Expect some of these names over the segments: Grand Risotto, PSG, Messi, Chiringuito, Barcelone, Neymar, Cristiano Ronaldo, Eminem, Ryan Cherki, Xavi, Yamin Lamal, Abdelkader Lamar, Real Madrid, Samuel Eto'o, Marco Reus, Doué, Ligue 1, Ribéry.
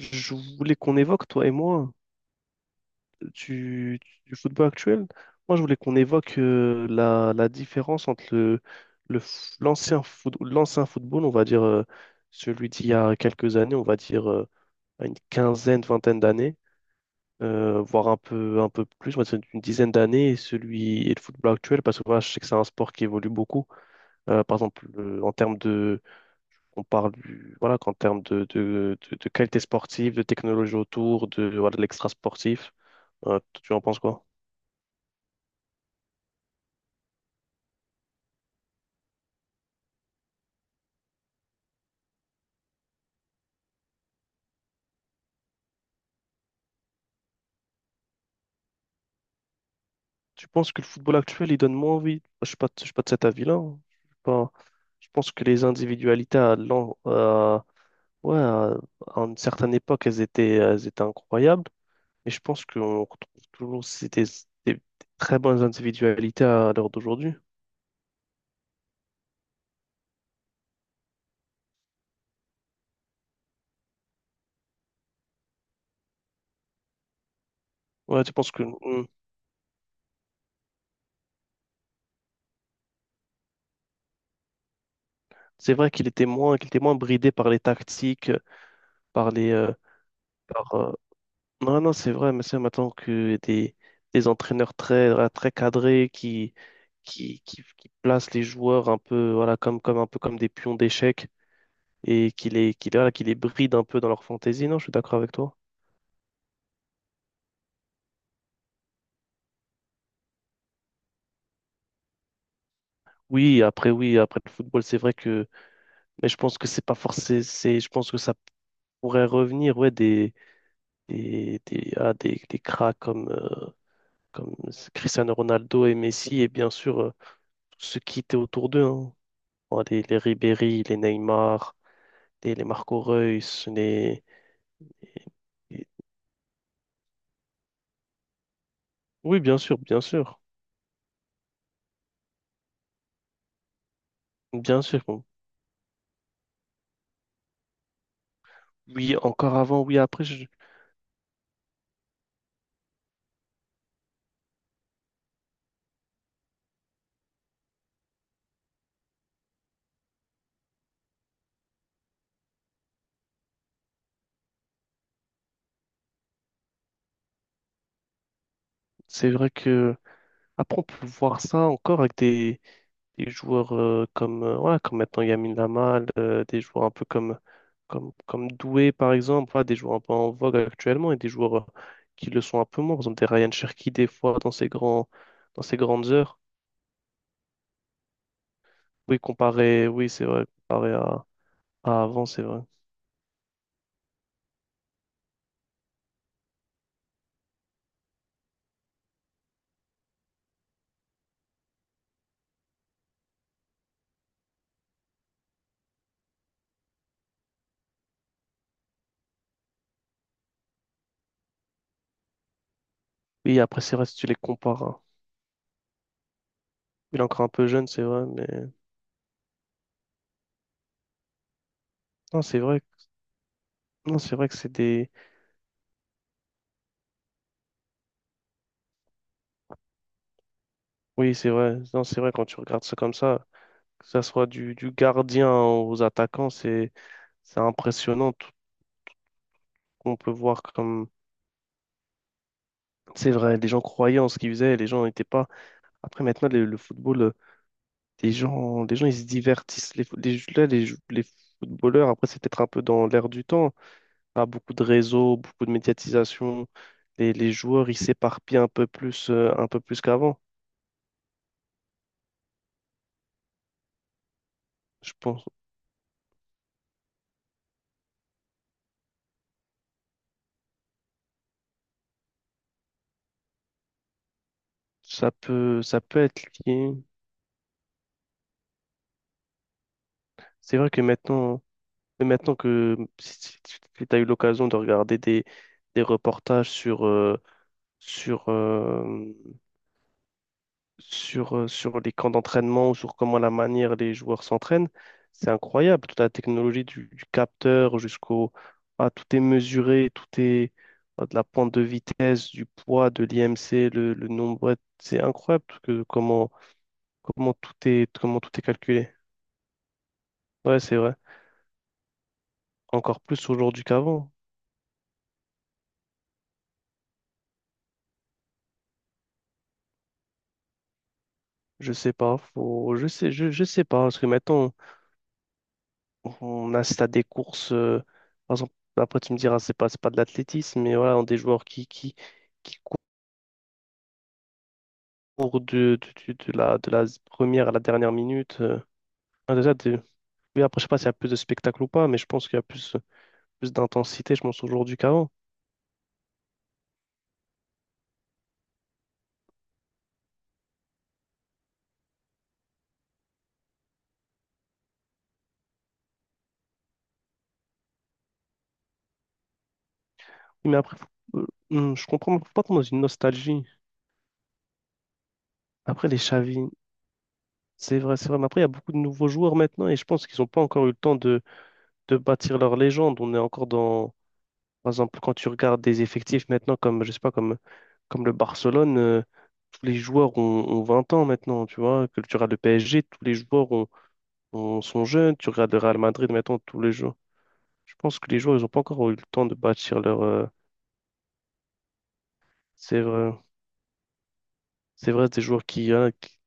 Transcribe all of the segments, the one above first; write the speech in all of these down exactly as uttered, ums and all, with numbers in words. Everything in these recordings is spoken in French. Je voulais qu'on évoque, toi et moi, du, du football actuel. Moi, je voulais qu'on évoque euh, la, la différence entre le, le f- l'ancien foot, l'ancien football, on va dire euh, celui d'il y a quelques années, on va dire euh, une quinzaine, vingtaine d'années, euh, voire un peu, un peu plus, on va dire une dizaine d'années, et celui et le football actuel, parce que voilà, je sais que c'est un sport qui évolue beaucoup. Euh, par exemple, euh, en termes de on parle du, voilà, qu'en termes de, de, de, de qualité sportive, de technologie autour, de, voilà, de l'extra sportif. Euh, tu en penses quoi? Tu penses que le football actuel, il donne moins envie? Je suis pas, je suis pas de cet avis-là, hein. Je suis pas- Je pense que les individualités à, l'an- euh, ouais, à, à une certaine époque, elles étaient, elles étaient incroyables. Et je pense qu'on retrouve toujours ces- des, des très bonnes individualités à l'heure d'aujourd'hui. Ouais, tu penses que mm, c'est vrai qu'il était moins, qu'il était moins bridé par les tactiques, par les, euh, par, euh, non, non, c'est vrai, mais c'est maintenant que des, des entraîneurs très, voilà, très cadrés qui, qui, qui, qui placent les joueurs un peu, voilà, comme, comme, un peu comme des pions d'échecs et qui les, qui, voilà, qui les brident un peu dans leur fantaisie. Non, je suis d'accord avec toi. Oui, après, oui, après le football, c'est vrai que, mais je pense que c'est pas forcément, c'est, je pense que ça pourrait revenir, ouais, des, des, des, ah, des, des cracks comme, euh, comme Cristiano Ronaldo et Messi et bien sûr, euh, tous ceux qui étaient autour d'eux, hein. Bon, les, les Ribéry, les Neymar, les, les Marco Reus, les... les- Oui, bien sûr, bien sûr, bien sûr. Bon. Oui, encore avant, oui, après, je- c'est vrai que... Après, on peut voir ça encore avec des, des joueurs euh, comme, euh, ouais, comme maintenant Yamin Lamal, euh, des joueurs un peu comme, comme, comme Doué, par exemple, ouais, des joueurs un peu en vogue actuellement et des joueurs euh, qui le sont un peu moins. Par exemple, des Ryan Cherki, des fois, dans ses grands, dans ses grandes heures. Oui, comparé, oui, c'est vrai, comparé à, à avant, c'est vrai. Oui, après, c'est vrai, si tu les compares, hein. Il est encore un peu jeune, c'est vrai, mais non, c'est vrai, non, c'est vrai que c'est des. Oui, c'est vrai, non, c'est vrai quand tu regardes ça comme ça, que ça soit du, du gardien aux attaquants, c'est c'est impressionnant tout ce qu'on peut voir comme. C'est vrai, les gens croyaient en ce qu'ils faisaient, les gens n'étaient pas. Après, maintenant, le, le football, euh, les gens, les gens, ils se divertissent. Les, fo- les, là, les, les footballeurs, après, c'est peut-être un peu dans l'air du temps. Pas beaucoup de réseaux, beaucoup de médiatisation. Les, les joueurs, ils s'éparpillent un peu plus, euh, un peu plus qu'avant, je pense. Ça peut, ça peut être lié. C'est vrai que maintenant, mais maintenant que si tu as eu l'occasion de regarder des, des reportages sur, euh, sur, euh, sur, euh, sur les camps d'entraînement ou sur comment la manière les joueurs s'entraînent, c'est incroyable. Toute la technologie du, du capteur jusqu'au... Ah, tout est mesuré, tout est ah, de la pente de vitesse, du poids, de l'I M C, le, le nombre, ouais. C'est incroyable que, comment, comment tout est, comment tout est calculé. Ouais, c'est vrai, encore plus aujourd'hui qu'avant. Je sais pas, faut, je sais, je, je sais pas, parce que maintenant, on assiste à des courses, euh, par exemple, après tu me diras, c'est pas, c'est pas de l'athlétisme, mais voilà, des joueurs qui, qui, qui courent de, de, de- de la, de la première à la dernière minute, euh. Ah, déjà, de- oui, après, je sais pas s'il y a plus de spectacle ou pas, mais je pense qu'il y a plus, plus d'intensité, je pense, aujourd'hui qu'avant. Oui, mais après, faut- euh, hum, je comprends, mais faut pas tomber dans une nostalgie. Après, les Xavi, c'est vrai, c'est vrai. Mais après, il y a beaucoup de nouveaux joueurs maintenant et je pense qu'ils n'ont pas encore eu le temps de, de bâtir leur légende. On est encore dans, par exemple, quand tu regardes des effectifs maintenant, comme, je sais pas, comme, comme le Barcelone, euh, tous les joueurs ont, ont 20 ans maintenant, tu vois. Que tu regardes le P S G, tous les joueurs ont, ont- sont jeunes. Tu regardes le Real Madrid maintenant, tous les joueurs. Je pense que les joueurs, ils n'ont pas encore eu le temps de bâtir leur, euh, c'est vrai, c'est vrai, des joueurs qui, hein, qui-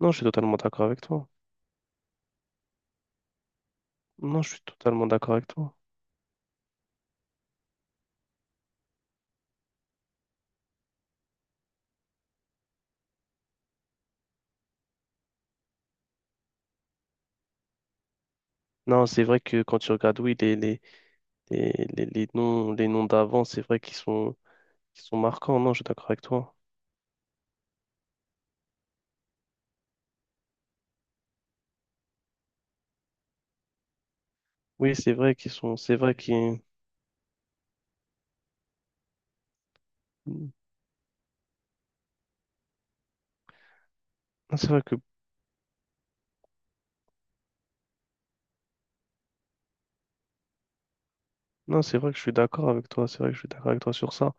non, je suis totalement d'accord avec toi. Non, je suis totalement d'accord avec toi. Non, c'est vrai que quand tu regardes, oui, les, les- Les, les, les noms, les noms d'avant, c'est vrai qu'ils sont, qu'ils sont marquants. Non, je suis d'accord avec toi. Oui, c'est vrai qu'ils sont, c'est vrai qu'ils, non, c'est vrai que, non, c'est vrai que je suis d'accord avec toi. C'est vrai que je suis d'accord avec toi sur ça.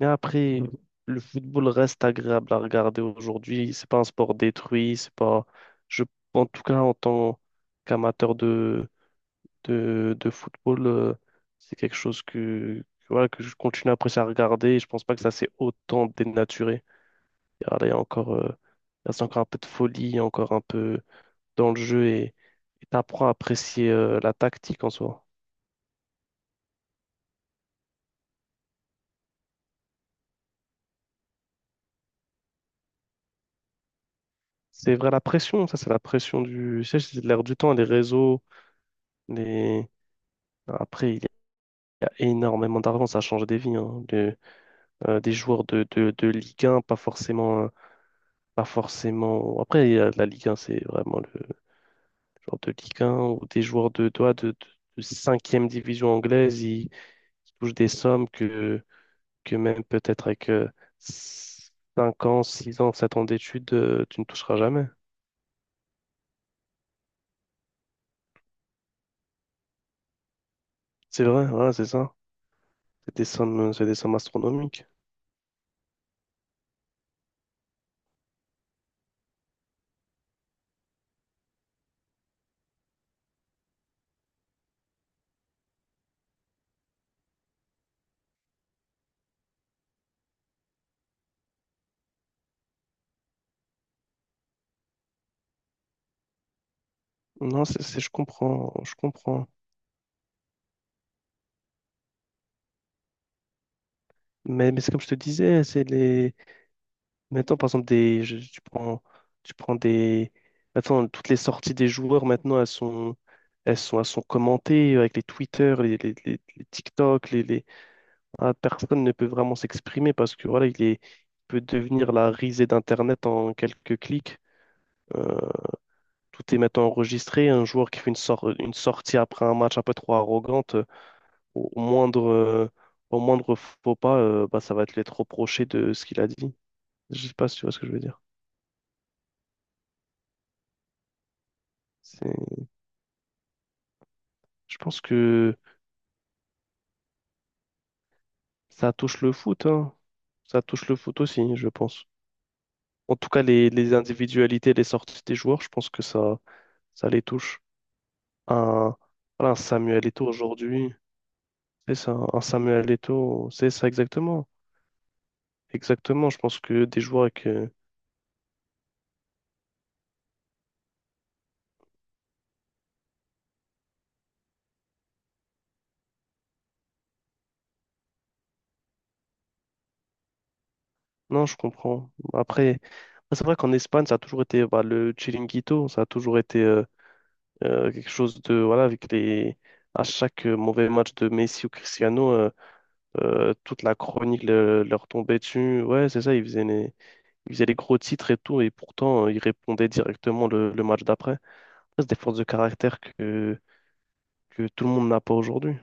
Mais après, le football reste agréable à regarder aujourd'hui. C'est pas un sport détruit. C'est pas, je, en tout cas, en tant qu'amateur de, de, de football, euh, c'est quelque chose que, que, voilà, que je continue à apprécier à regarder. Et je pense pas que ça s'est autant dénaturé. Ah, là, il y a encore, euh, il reste encore un peu de folie, encore un peu dans le jeu et et t'apprends à apprécier euh, la tactique en soi. C'est vrai, la pression, ça, c'est la pression du. Tu sais, c'est l'air du temps, les réseaux, les. Après, il y a énormément d'argent, ça change des vies, hein. Le- euh, des joueurs de, de, de Ligue 1, pas forcément, euh, pas forcément. Après, il y a de la Ligue 1, c'est vraiment le genre de Ligue 1, ou des joueurs de, de, de, de cinquième division anglaise, ils touchent des sommes que que même peut-être avec euh, cinq ans, six ans, sept ans d'études, euh, tu ne toucheras jamais. C'est vrai, voilà, c'est ça. C'est des sommes, euh, c'est des sommes astronomiques. Non, c'est, c'est- je comprends, je comprends. Mais, mais c'est comme je te disais, c'est les... Maintenant, par exemple, des, je- tu prends, tu prends des... Maintenant, toutes les sorties des joueurs, maintenant, elles sont, elles sont, elles sont commentées avec les Twitter, les, les, les, les TikTok, les, les, ah, personne ne peut vraiment s'exprimer parce que voilà, il est, il peut devenir la risée d'Internet en quelques clics. Euh, Tout est maintenant enregistré. Un joueur qui fait une, sor- une sortie après un match un peu trop arrogante, euh, au au moindre, euh, au moindre faux pas, euh, bah, ça va te l'être reproché de ce qu'il a dit. Je sais pas si tu vois ce que je veux dire. C'est- Je pense que ça touche le foot, hein. Ça touche le foot aussi, je pense. En tout cas, les, les individualités, les sorties des joueurs, je pense que ça, ça les touche. Un, voilà, un Samuel Eto'o aujourd'hui, c'est ça, un Samuel Eto'o, c'est ça exactement. Exactement, je pense que des joueurs que... Non, je comprends. Après, c'est vrai qu'en Espagne, ça a toujours été bah, le Chiringuito, ça a toujours été euh, euh, quelque chose de... Voilà, avec les... À chaque euh, mauvais match de Messi ou Cristiano, euh, euh, toute la chronique le- leur tombait dessus. Ouais, c'est ça, ils faisaient les, ils faisaient les gros titres et tout, et pourtant, euh, ils répondaient directement le, le match d'après. Ça, c'est des forces de caractère que que tout le monde n'a pas aujourd'hui.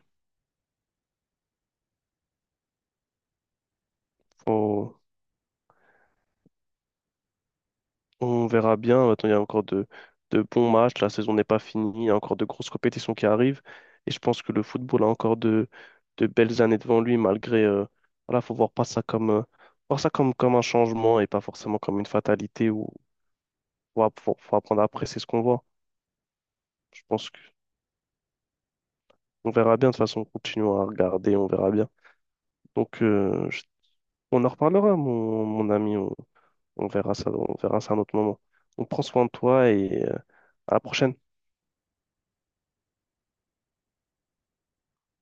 Faut- On verra bien. Attends, il y a encore de, de bons matchs. La saison n'est pas finie. Il y a encore de grosses compétitions qui arrivent. Et je pense que le football a encore de, de belles années devant lui, malgré, euh, voilà, faut voir pas ça comme, euh, voir ça comme, comme un changement et pas forcément comme une fatalité où faut, app- faut- faut apprendre à apprécier ce qu'on voit. Je pense que on verra bien. De toute façon, on continue à regarder. On verra bien. Donc, euh, je- on en reparlera, mon, mon ami. On, on verra ça, on verra ça à un autre moment. Donc, prends soin de toi et à la prochaine.